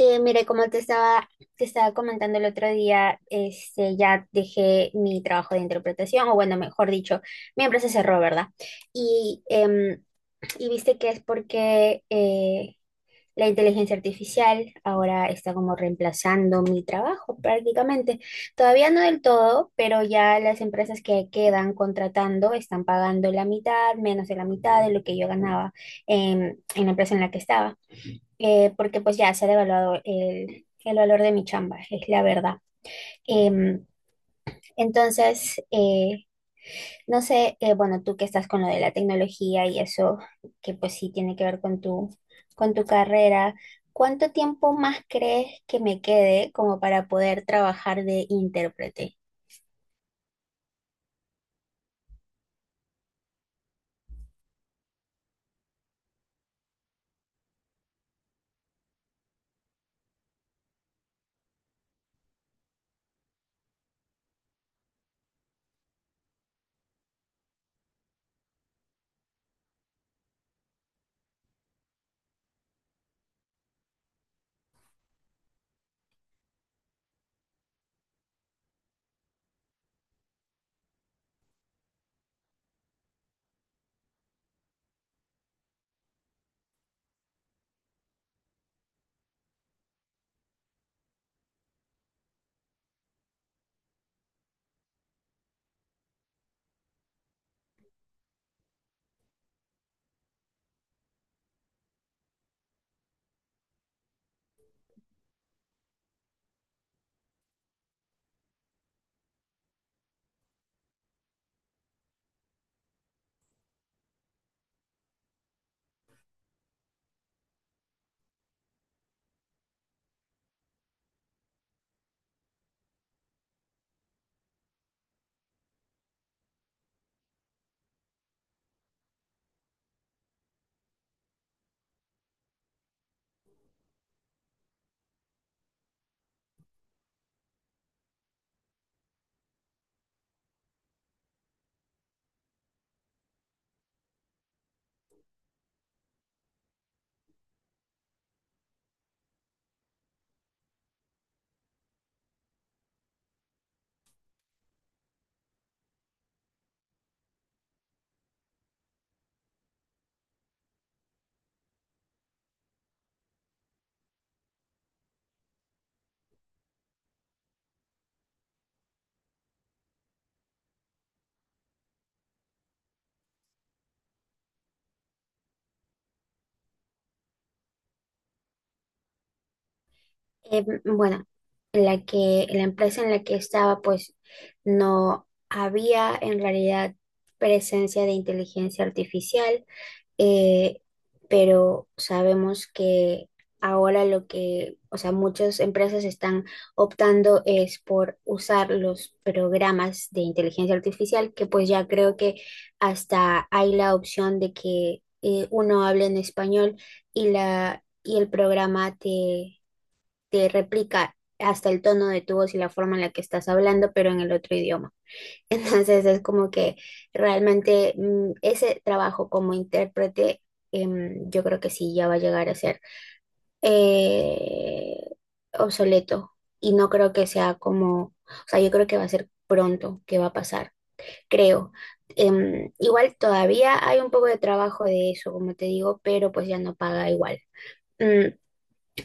Mire, te estaba comentando el otro día, ya dejé mi trabajo de interpretación, o bueno, mejor dicho, mi empresa cerró, ¿verdad? Y, em, y viste que es porque la inteligencia artificial ahora está como reemplazando mi trabajo prácticamente. Todavía no del todo, pero ya las empresas que quedan contratando están pagando la mitad, menos de la mitad de lo que yo ganaba en la empresa en la que estaba, porque pues ya se ha devaluado el valor de mi chamba, es la verdad. Em, entonces, no sé, bueno, tú que estás con lo de la tecnología y eso, que pues sí tiene que ver con tu carrera, ¿cuánto tiempo más crees que me quede como para poder trabajar de intérprete? Bueno, la empresa en la que estaba, pues no había en realidad presencia de inteligencia artificial. eh, pero sabemos que ahora o sea, muchas empresas están optando es por usar los programas de inteligencia artificial, que pues ya creo que hasta hay la opción de que uno hable en español y el programa te replica hasta el tono de tu voz y la forma en la que estás hablando, pero en el otro idioma. Entonces es como que realmente ese trabajo como intérprete, yo creo que sí, ya va a llegar a ser eh, obsoleto y no creo que sea como, o sea, yo creo que va a ser pronto que va a pasar, creo. Igual todavía hay un poco de trabajo de eso, como te digo, pero pues ya no paga igual. Mm,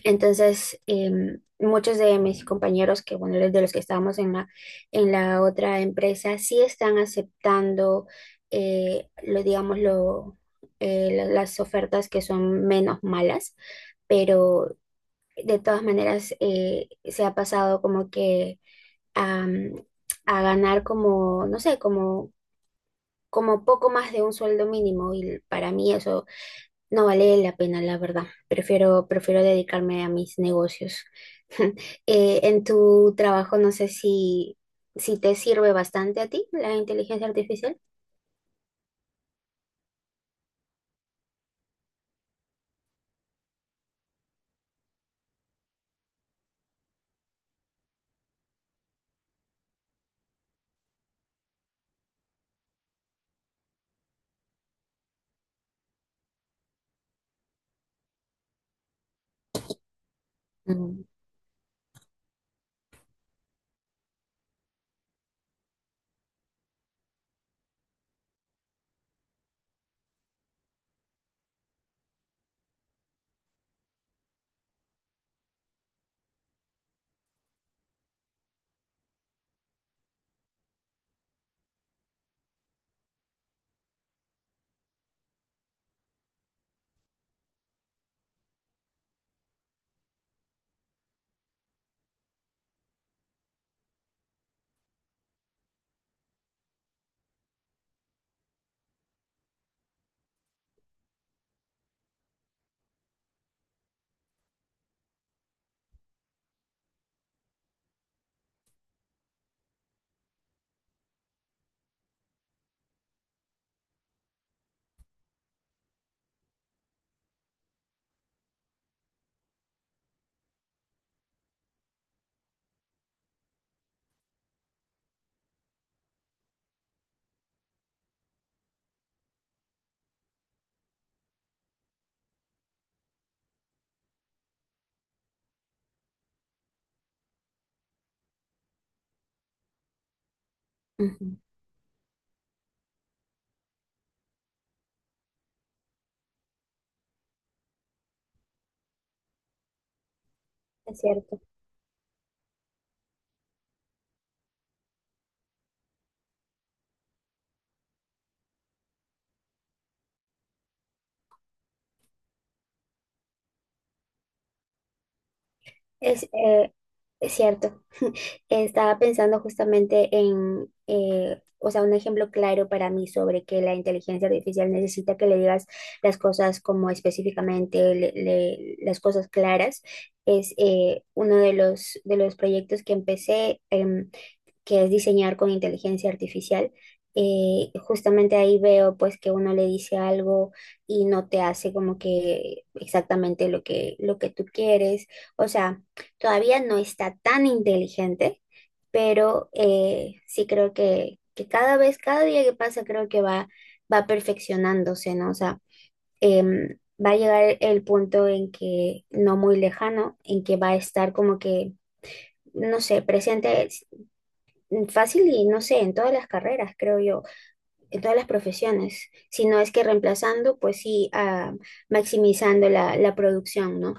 entonces, muchos de mis compañeros que, bueno, de los que estábamos en en la otra empresa, sí están aceptando, lo, digamos, lo, la- las ofertas que son menos malas, pero de todas maneras se ha pasado como que am, a ganar como, no sé, como, como poco más de un sueldo mínimo y para mí eso no vale la pena, la verdad. Prefiero, prefiero dedicarme a mis negocios. En tu trabajo, no sé si, si te sirve bastante a ti la inteligencia artificial. Mm, ujú. Es cierto. Es, eh, es cierto. Estaba pensando justamente en, o sea, un ejemplo claro para mí sobre que la inteligencia artificial necesita que le digas las cosas como específicamente, las cosas claras. Es uno de los proyectos que empecé, que es diseñar con inteligencia artificial. Justamente ahí veo pues que uno le dice algo y no te hace como que exactamente lo que tú quieres. O sea, todavía no está tan inteligente, pero sí creo que cada vez, cada día que pasa, creo que va, va perfeccionándose, ¿no? O sea, em, va a llegar el punto en que, no muy lejano, en que va a estar como que, no sé, presente es fácil y no sé, en todas las carreras, creo yo, en todas las profesiones, si no es que reemplazando, pues sí, maximizando la producción, ¿no?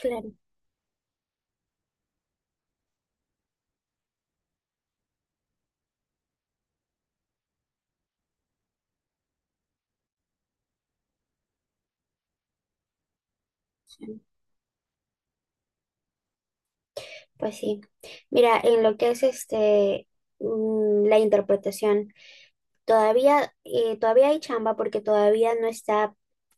Claro, sí. Pues sí. Mira, en lo que es la interpretación. Todavía, todavía hay chamba porque todavía no está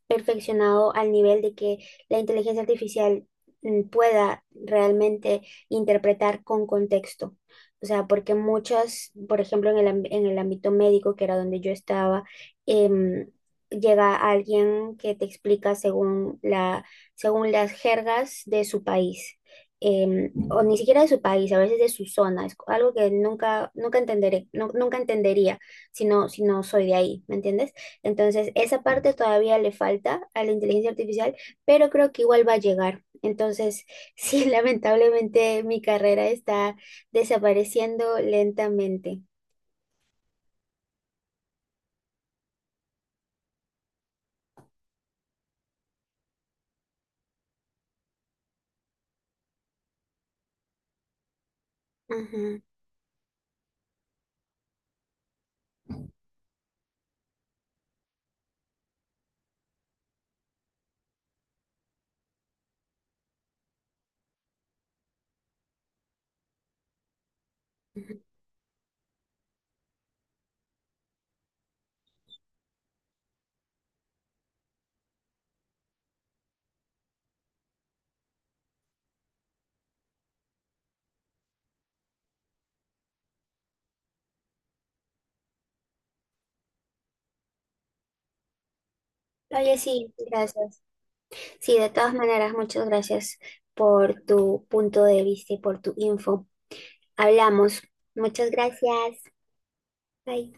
perfeccionado al nivel de que la inteligencia artificial pueda realmente interpretar con contexto. O sea, porque muchas, por ejemplo, en en el ámbito médico, que era donde yo estaba, em, llega alguien que te explica según las jergas de su país. O ni siquiera de su país, a veces de su zona, es algo que nunca, nunca entenderé, nunca entendería si no, si no soy de ahí, ¿me entiendes? Entonces, esa parte todavía le falta a la inteligencia artificial, pero creo que igual va a llegar. Entonces, sí, lamentablemente mi carrera está desapareciendo lentamente. Ujú, ujú. Oye, sí, gracias. Sí, de todas maneras, muchas gracias por tu punto de vista y por tu info. Hablamos. Muchas gracias. Bye.